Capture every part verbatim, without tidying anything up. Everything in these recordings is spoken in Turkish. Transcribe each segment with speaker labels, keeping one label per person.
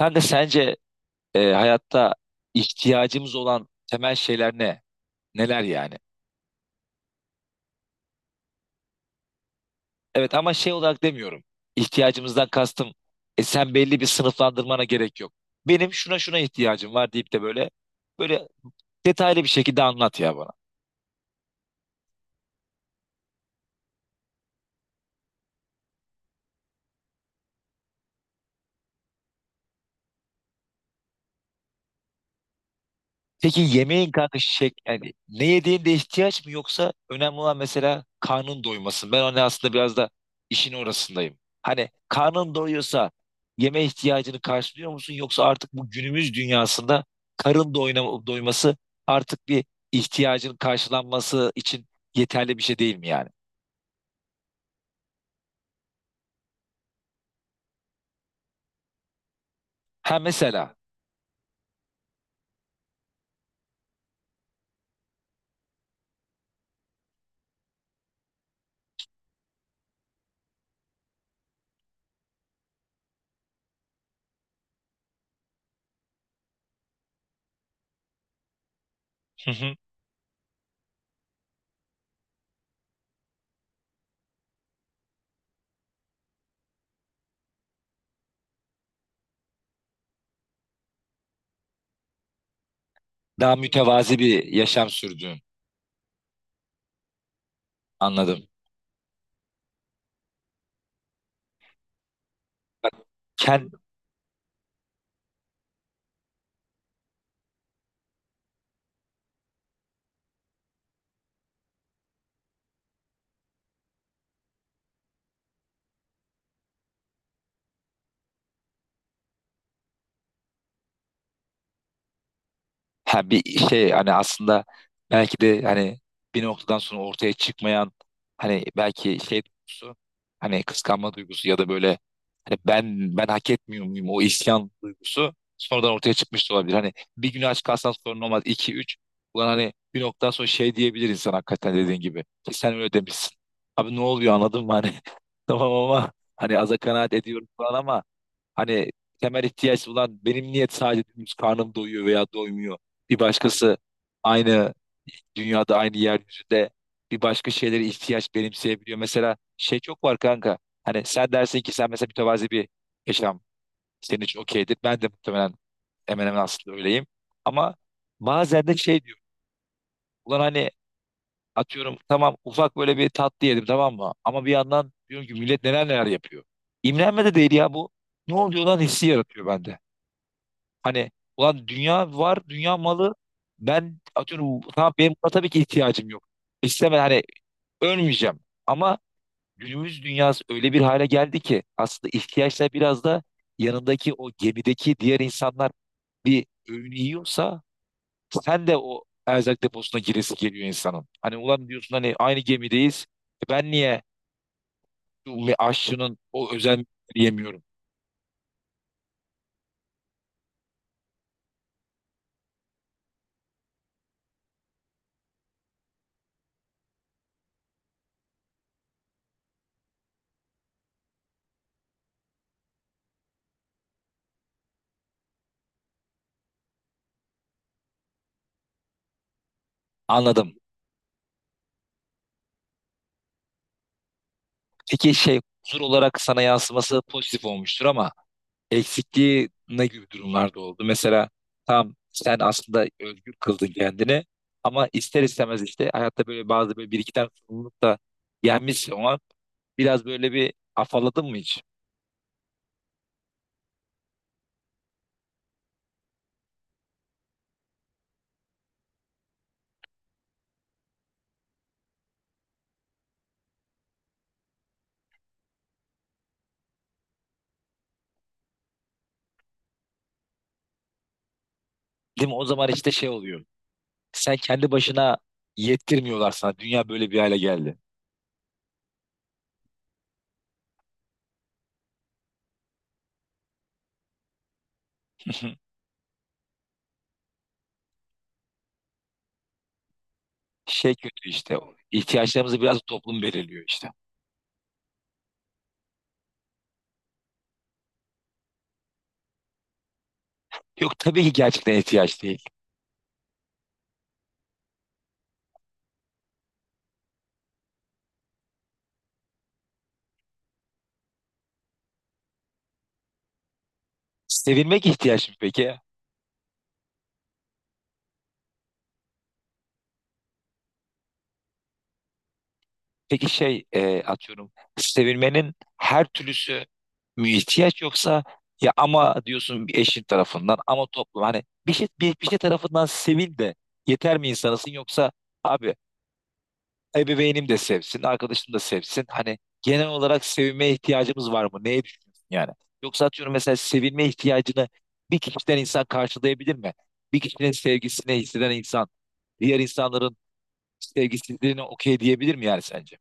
Speaker 1: Sen de sence e, hayatta ihtiyacımız olan temel şeyler ne? Neler yani? Evet ama şey olarak demiyorum. İhtiyacımızdan kastım e, sen belli bir sınıflandırmana gerek yok. Benim şuna şuna ihtiyacım var deyip de böyle böyle detaylı bir şekilde anlat ya bana. Peki yemeğin kanka şey, yani ne yediğinde ihtiyaç mı yoksa önemli olan mesela karnın doyması. Ben hani aslında biraz da işin orasındayım. Hani karnın doyuyorsa yeme ihtiyacını karşılıyor musun yoksa artık bu günümüz dünyasında karın doyna- doyması artık bir ihtiyacın karşılanması için yeterli bir şey değil mi yani? Ha mesela. Hı hı. Daha mütevazi bir yaşam sürdüğün, anladım. Bak, kend- ha bir şey, hani aslında belki de hani bir noktadan sonra ortaya çıkmayan hani belki şey duygusu, hani kıskanma duygusu ya da böyle hani ben ben hak etmiyor muyum, o isyan duygusu sonradan ortaya çıkmış da olabilir. Hani bir gün aç kalsan sorun olmaz. İki üç, ulan hani bir noktadan sonra şey diyebilir insan hakikaten dediğin gibi. Ki sen öyle demişsin. Abi ne oluyor anladın mı hani tamam ama hani aza kanaat ediyorum falan ama. Hani temel ihtiyaç olan benim niyet sadece dümdüz karnım doyuyor veya doymuyor. Bir başkası aynı dünyada, aynı yeryüzünde bir başka şeylere ihtiyaç benimseyebiliyor. Mesela şey çok var kanka. Hani sen dersin ki sen mesela mütevazi bir yaşam senin için okeydir. Ben de muhtemelen hemen hemen aslında öyleyim. Ama bazen de şey diyorum. Ulan hani atıyorum, tamam, ufak böyle bir tatlı yedim, tamam mı? Ama bir yandan diyorum ki millet neler neler yapıyor. İmrenme de değil ya bu. Ne oluyor lan hissi yaratıyor bende. Hani ulan dünya var, dünya malı. Ben atıyorum, tamam, benim buna tabii ki ihtiyacım yok. İstemem hani, ölmeyeceğim. Ama günümüz dünyası öyle bir hale geldi ki aslında ihtiyaçlar biraz da yanındaki o gemideki diğer insanlar bir öğün yiyorsa sen de o erzak deposuna giresi geliyor insanın. Hani ulan diyorsun, hani aynı gemideyiz. E, Ben niye bu ve aşçının o özel yemiyorum? Anladım. Peki şey, huzur olarak sana yansıması pozitif olmuştur ama eksikliği ne gibi durumlarda oldu? Mesela tam sen aslında özgür kıldın kendini ama ister istemez işte hayatta böyle bazı, böyle bir iki tane sorumluluk da gelmiş ama biraz böyle bir afalladın mı hiç? Değil mi? O zaman işte şey oluyor. Sen kendi başına yettirmiyorlar sana. Dünya böyle bir hale geldi. Şey kötü işte. İhtiyaçlarımızı biraz toplum belirliyor işte. Yok tabii ki gerçekten ihtiyaç değil. Sevilmek ihtiyaç mı peki? Peki şey, e, atıyorum sevilmenin her türlüsü mü ihtiyaç, yoksa ya ama diyorsun bir eşin tarafından ama toplum, hani bir şey, bir, bir şey tarafından sevil de yeter mi insanısın, yoksa abi ebeveynim de sevsin, arkadaşım da sevsin, hani genel olarak sevilmeye ihtiyacımız var mı neye düşünüyorsun yani, yoksa atıyorum mesela sevilme ihtiyacını bir kişiden insan karşılayabilir mi, bir kişinin sevgisini hisseden insan diğer insanların sevgisizliğine okey diyebilir mi yani sence?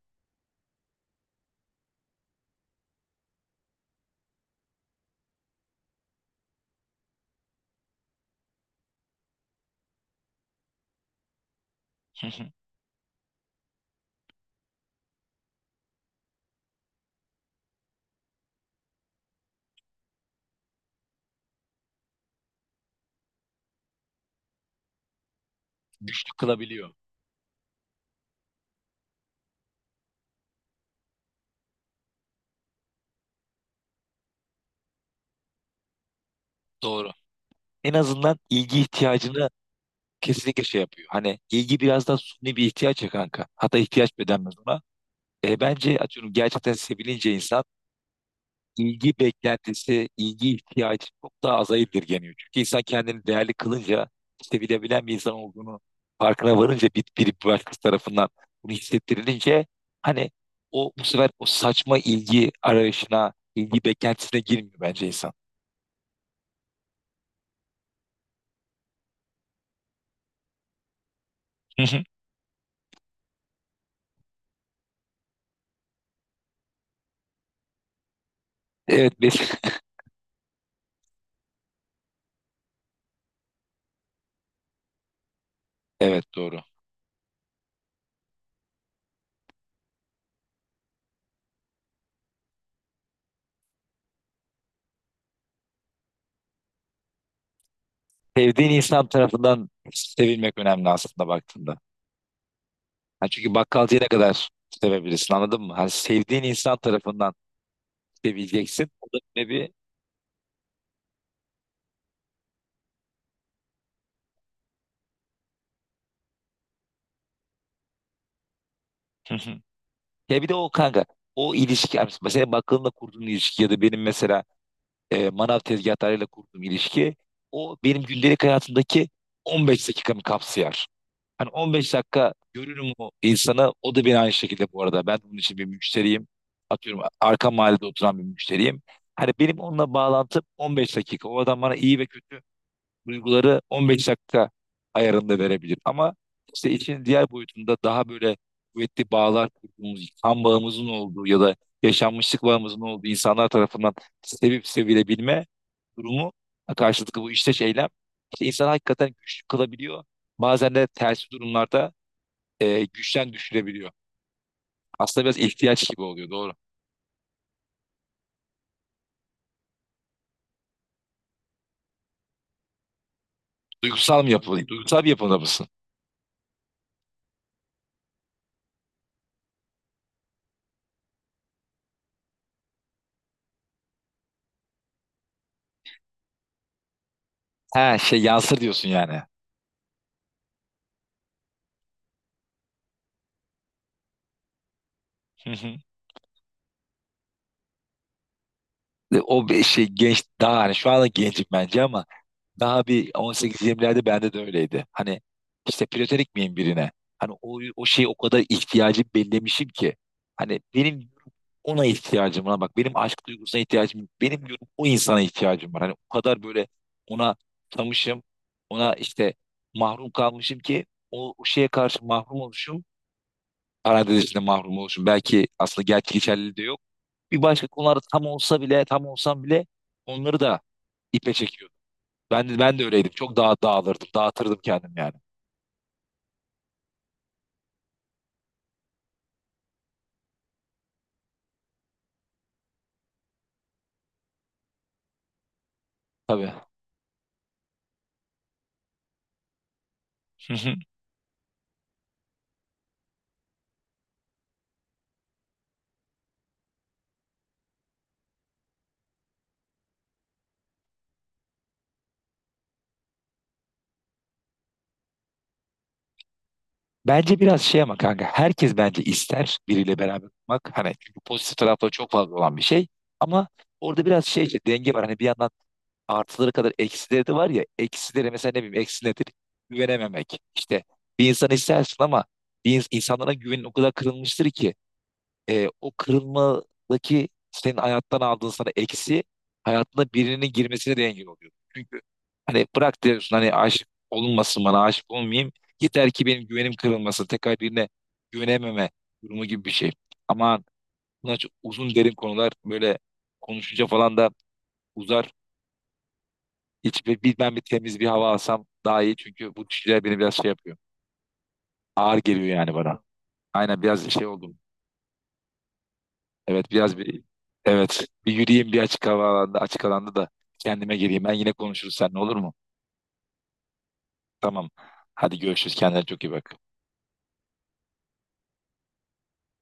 Speaker 1: Güçlü kılabiliyor. Doğru. En azından ilgi ihtiyacını kesinlikle şey yapıyor. Hani ilgi biraz da suni bir ihtiyaç ya kanka. Hatta ihtiyaç bile denmez ona. E, bence atıyorum gerçekten sevilince insan, ilgi beklentisi, ilgi ihtiyacı çok daha aza indirgeniyor. Çünkü insan kendini değerli kılınca, sevilebilen bir insan olduğunu farkına varınca, bir, bir başkası tarafından bunu hissettirilince hani o bu sefer o saçma ilgi arayışına, ilgi beklentisine girmiyor bence insan. Evet, biz- evet doğru. Sevdiğin insan tarafından sevilmek önemli aslında baktığında. Ha çünkü bakkalcıyı ne kadar sevebilirsin, anladın mı? Hani sevdiğin insan tarafından sevileceksin. O da ne bir... Hı hı. Ya bir de o kanka, o ilişki, yani mesela bakkalınla kurduğun ilişki ya da benim mesela e, manav tezgahlarıyla kurduğum ilişki, o benim gündelik hayatımdaki on beş dakikamı kapsıyor. Hani on beş dakika görürüm o insanı. O da beni aynı şekilde bu arada. Ben bunun için bir müşteriyim. Atıyorum arka mahallede oturan bir müşteriyim. Hani benim onunla bağlantım on beş dakika. O adam bana iyi ve kötü duyguları on beş dakika ayarında verebilir. Ama işte işin diğer boyutunda daha böyle kuvvetli bağlar kurduğumuz, kan bağımızın olduğu ya da yaşanmışlık bağımızın olduğu insanlar tarafından sevip sevilebilme durumu, karşılıklı bu işte eylem, işte insanı hakikaten güçlü kılabiliyor. Bazen de tersi durumlarda e, güçten düşürebiliyor. Aslında biraz ihtiyaç gibi oluyor, doğru. Duygusal mı yapılı? Duygusal bir yapıda mısın? He şey yansır diyorsun yani. Hı hı. E, O bir şey, genç, daha hani şu anda gencim bence ama daha bir on sekiz yirmilerde bende de öyleydi. Hani işte platonik miyim birine? Hani o, o şeyi o kadar ihtiyacım bellemişim ki. Hani benim ona ihtiyacım var. Bak benim aşk duygusuna ihtiyacım yok. Benim diyorum o insana ihtiyacım var. Hani o kadar böyle ona tanışım, ona işte mahrum kalmışım ki o, o şeye karşı mahrum oluşum. Parantez içinde mahrum oluşum. Belki aslında gerçek geçerliliği de yok. Bir başka konularda tam olsa bile tam olsam bile onları da ipe çekiyor. Ben, ben de öyleydim. Çok daha dağılırdım. Dağıtırdım kendim yani. Tabii. Bence biraz şey ama kanka, herkes bence ister biriyle beraber olmak. Hani çünkü pozitif tarafları çok fazla olan bir şey. Ama orada biraz şey, işte denge var. Hani bir yandan artıları kadar eksileri de var ya. Eksileri mesela, ne bileyim, eksi nedir? Güvenememek. İşte bir insan istersin ama bir ins- insanlara güvenin o kadar kırılmıştır ki. e, o kırılmadaki senin hayattan aldığın sana eksi, hayatına birinin girmesine de engel oluyor. Çünkü hani bırak diyorsun, hani aşık olunmasın, bana aşık olmayayım. Yeter ki benim güvenim kırılmasın. Tekrar birine güvenememe durumu gibi bir şey. Ama bunlar çok uzun derin konular, böyle konuşunca falan da uzar. Hiç bir, bir- ben bir temiz bir hava alsam daha iyi. Çünkü bu düşünceler beni biraz şey yapıyor. Ağır geliyor yani bana. Aynen, biraz şey oldum. Evet biraz bir evet bir yürüyeyim, bir açık hava alanda, açık alanda da kendime geleyim. Ben yine konuşuruz seninle, olur mu? Tamam. Hadi görüşürüz. Kendine çok iyi bak.